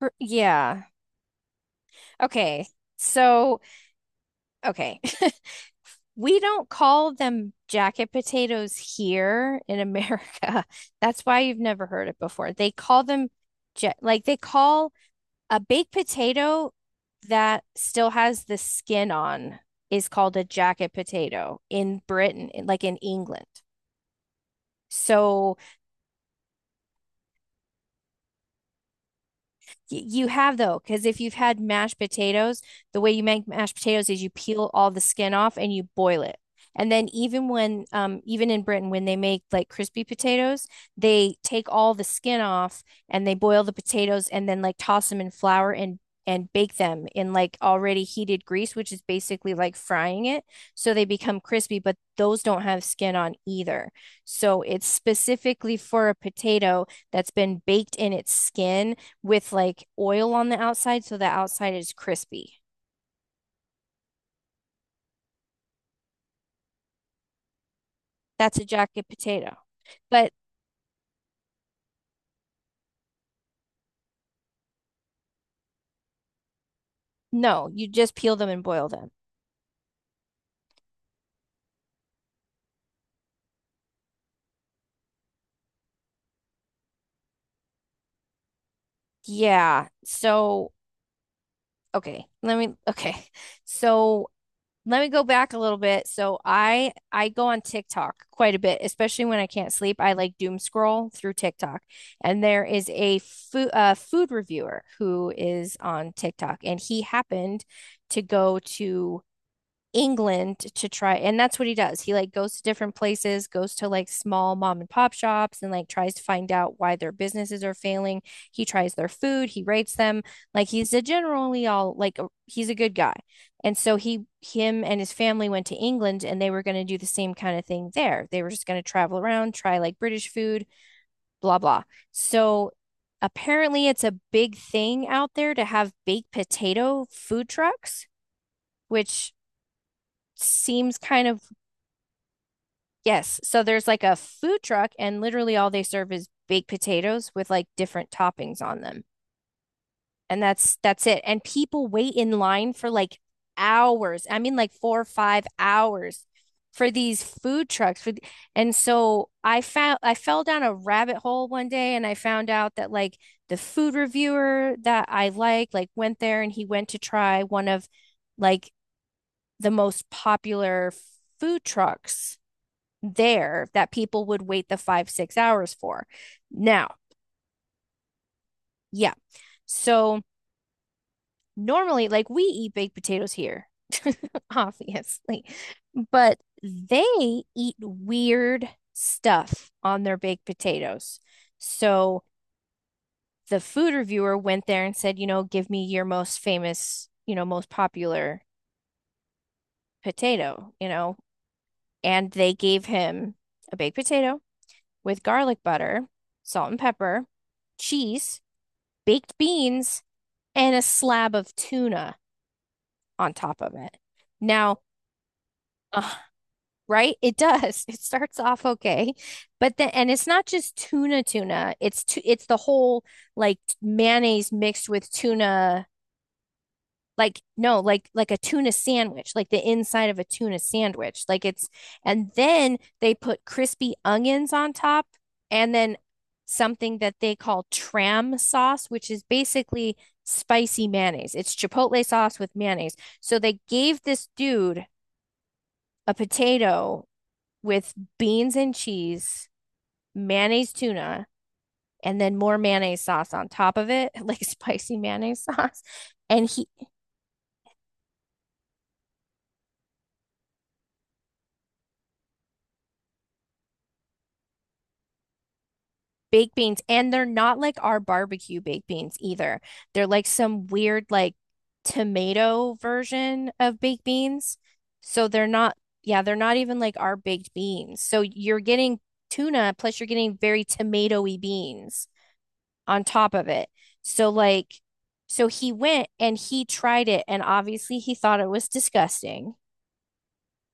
Yeah. Okay. So, okay. We don't call them jacket potatoes here in America. That's why you've never heard it before. They call them ja like they call a baked potato that still has the skin on is called a jacket potato in Britain, like in England. So, you have though, because if you've had mashed potatoes, the way you make mashed potatoes is you peel all the skin off and you boil it. And then even in Britain, when they make like crispy potatoes, they take all the skin off and they boil the potatoes and then like toss them in flour and bake them in like already heated grease, which is basically like frying it. So they become crispy, but those don't have skin on either. So it's specifically for a potato that's been baked in its skin with like oil on the outside so the outside is crispy. That's a jacket potato. But no, you just peel them and boil them. Yeah. So, okay. Let me okay. So, let me go back a little bit. So, I go on TikTok quite a bit, especially when I can't sleep. I like doom scroll through TikTok. And there is a food reviewer who is on TikTok and he happened to go to England to try, and that's what he does. He like goes to different places, goes to like small mom and pop shops and like tries to find out why their businesses are failing. He tries their food, he rates them. Like, he's a generally all like a, he's a good guy. And so he him and his family went to England and they were going to do the same kind of thing there. They were just going to travel around, try like British food, blah blah. So apparently it's a big thing out there to have baked potato food trucks, which seems kind of, yes. So there's like a food truck and literally all they serve is baked potatoes with like different toppings on them. And that's it. And people wait in line for like hours. I mean like 4 or 5 hours for these food trucks. And so I fell down a rabbit hole one day and I found out that like the food reviewer that I like went there, and he went to try one of like the most popular food trucks there that people would wait the 5, 6 hours for. Now, yeah. So normally, like, we eat baked potatoes here, obviously, but they eat weird stuff on their baked potatoes. So the food reviewer went there and said, you know, give me your most famous, you know, most popular potato, you know, and they gave him a baked potato with garlic butter, salt and pepper, cheese, baked beans and a slab of tuna on top of it. Now, uh, right? It does. It starts off okay, but then, and it's not just tuna tuna. It's the whole like mayonnaise mixed with tuna, like no, like a tuna sandwich, like the inside of a tuna sandwich, like it's, and then they put crispy onions on top and then something that they call tram sauce which is basically spicy mayonnaise. It's chipotle sauce with mayonnaise. So they gave this dude a potato with beans and cheese, mayonnaise, tuna, and then more mayonnaise sauce on top of it, like spicy mayonnaise sauce. And he, baked beans, and they're not like our barbecue baked beans either. They're like some weird, like tomato version of baked beans. So they're not, yeah, they're not even like our baked beans. So you're getting tuna, plus you're getting very tomatoey beans on top of it. So, like, so he went and he tried it, and obviously he thought it was disgusting.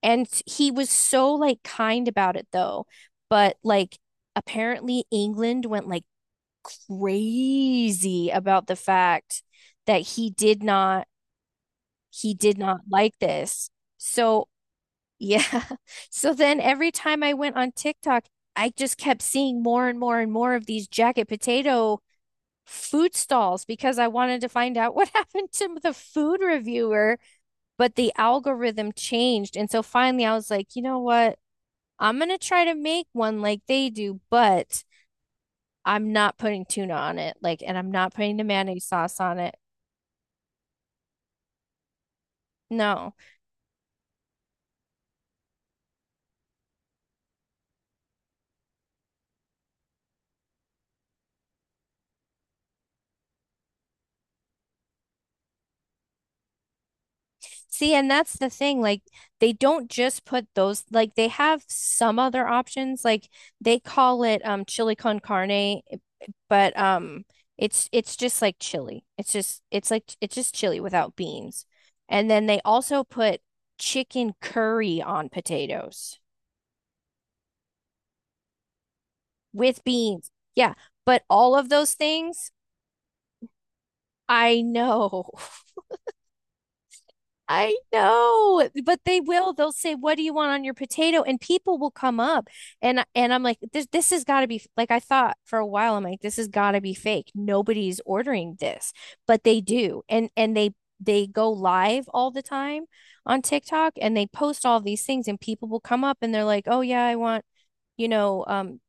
And he was so like kind about it though. But like apparently England went like crazy about the fact that he did not like this. So, yeah. So then every time I went on TikTok, I just kept seeing more and more and more of these jacket potato food stalls because I wanted to find out what happened to the food reviewer, but the algorithm changed. And so finally I was like, you know what? I'm going to try to make one like they do, but I'm not putting tuna on it. Like, and I'm not putting the mayonnaise sauce on it. No. See, and that's the thing. Like, they don't just put those, like, they have some other options. Like, they call it chili con carne, but it's just like chili. It's just it's just chili without beans. And then they also put chicken curry on potatoes with beans. Yeah, but all of those things, I know. I know, but they will. They'll say, "What do you want on your potato?" And people will come up, and I'm like, "This has got to be f-" like I thought for a while. I'm like, "This has got to be fake. Nobody's ordering this," but they do, and they go live all the time on TikTok, and they post all these things, and people will come up, and they're like, "Oh yeah, I want, you know um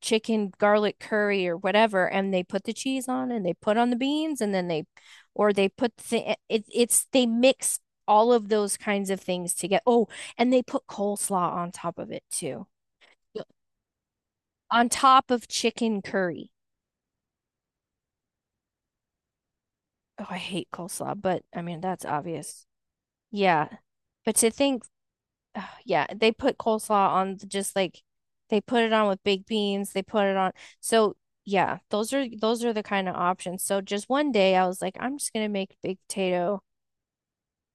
chicken garlic curry or whatever," and they put the cheese on and they put on the beans and then they, or they put the, it, it's, they mix all of those kinds of things together. Oh, and they put coleslaw on top of it too. On top of chicken curry. Oh, I hate coleslaw, but I mean, that's obvious. Yeah. But to think, oh, yeah, they put coleslaw on just like they put it on with baked beans, they put it on. So yeah, those are the kind of options. So just one day I was like, I'm just gonna make baked potato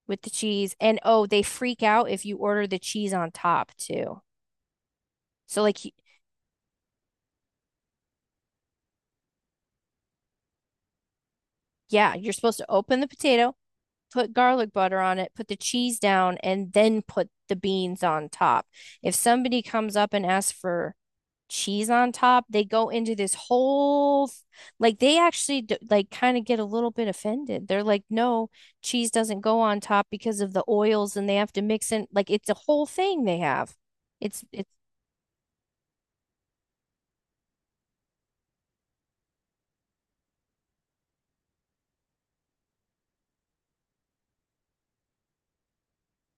with the cheese. And oh, they freak out if you order the cheese on top too. So yeah, you're supposed to open the potato, put garlic butter on it, put the cheese down, and then put the beans on top. If somebody comes up and asks for cheese on top, they go into this whole like they actually like kind of get a little bit offended. They're like, "No, cheese doesn't go on top because of the oils and they have to mix in, like it's a whole thing they have." It's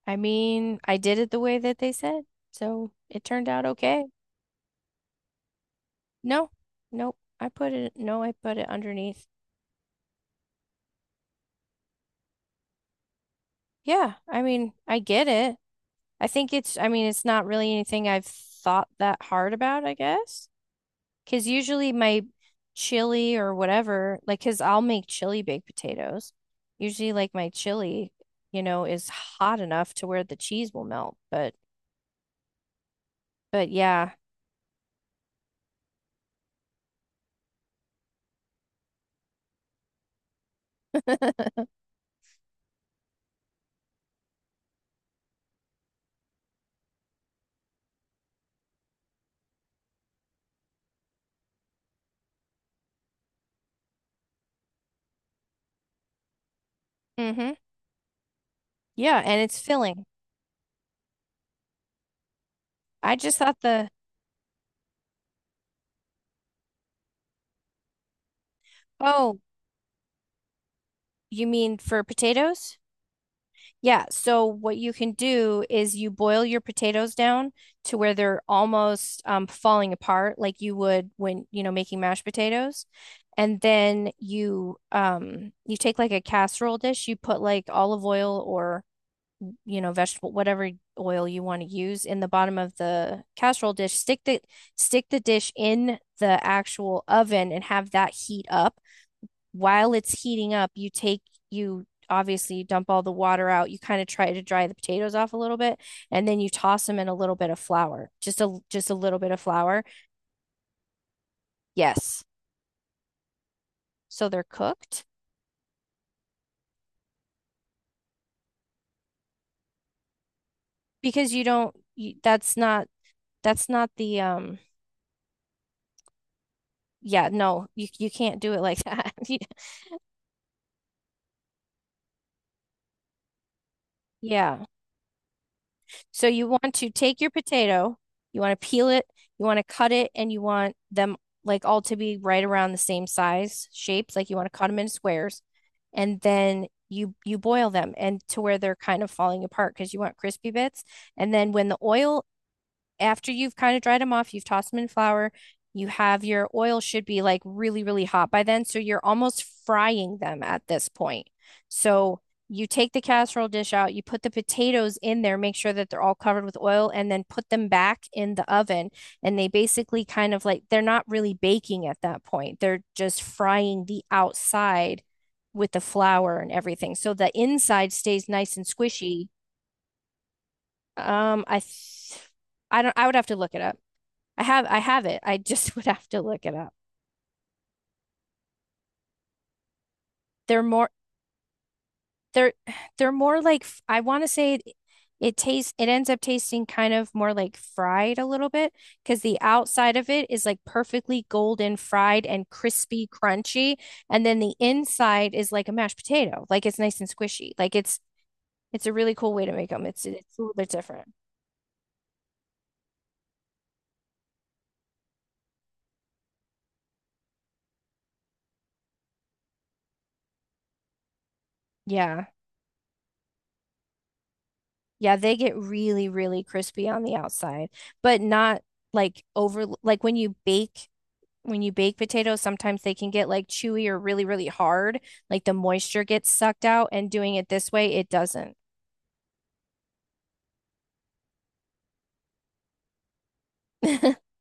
I mean, I did it the way that they said. So, it turned out okay. No. Nope. I put it no, I put it underneath. Yeah, I mean, I get it. I think it's not really anything I've thought that hard about, I guess. Because usually my chili or whatever, like, because I'll make chili baked potatoes. Usually, like, my chili, you know, is hot enough to where the cheese will melt. But, yeah. Hmm. Yeah. And it's filling. I just thought the, oh, you mean for potatoes? Yeah, so what you can do is you boil your potatoes down to where they're almost falling apart, like you would when, you know, making mashed potatoes. And then you take like a casserole dish, you put like olive oil or, you know, vegetable whatever oil you want to use in the bottom of the casserole dish. Stick the dish in the actual oven and have that heat up. While it's heating up, you take you obviously you dump all the water out. You kind of try to dry the potatoes off a little bit, and then you toss them in a little bit of flour, just a little bit of flour. Yes, so they're cooked, because you don't. You, that's not, that's not the. Yeah, no, you can't do it like that. Yeah. So you want to take your potato, you want to peel it, you want to cut it, and you want them like all to be right around the same size shapes. Like you want to cut them in squares, and then you boil them and to where they're kind of falling apart because you want crispy bits. And then when the oil, after you've kind of dried them off, you've tossed them in flour, your oil should be like really, really hot by then. So you're almost frying them at this point. So you take the casserole dish out, you put the potatoes in there, make sure that they're all covered with oil, and then put them back in the oven. And they basically kind of, like, they're not really baking at that point, they're just frying the outside with the flour and everything. So the inside stays nice and squishy. Um, I th- I don't, I would have to look it up. I have it. I just would have to look it up. They're more they're they're more like I want to say it, it tastes it ends up tasting kind of more like fried a little bit because the outside of it is like perfectly golden fried and crispy crunchy, and then the inside is like a mashed potato. Like it's nice and squishy. Like it's a really cool way to make them. It's a little bit different. Yeah. Yeah, they get really really crispy on the outside, but not like over, like when you bake potatoes, sometimes they can get like chewy or really, really hard. Like the moisture gets sucked out, and doing it this way, it doesn't.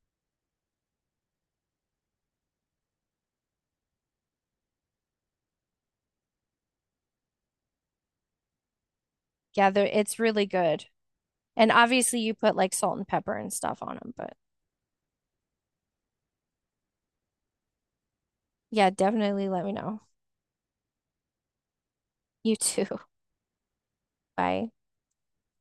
Yeah, it's really good. And obviously, you put like salt and pepper and stuff on them. But yeah, definitely let me know. You too. Bye.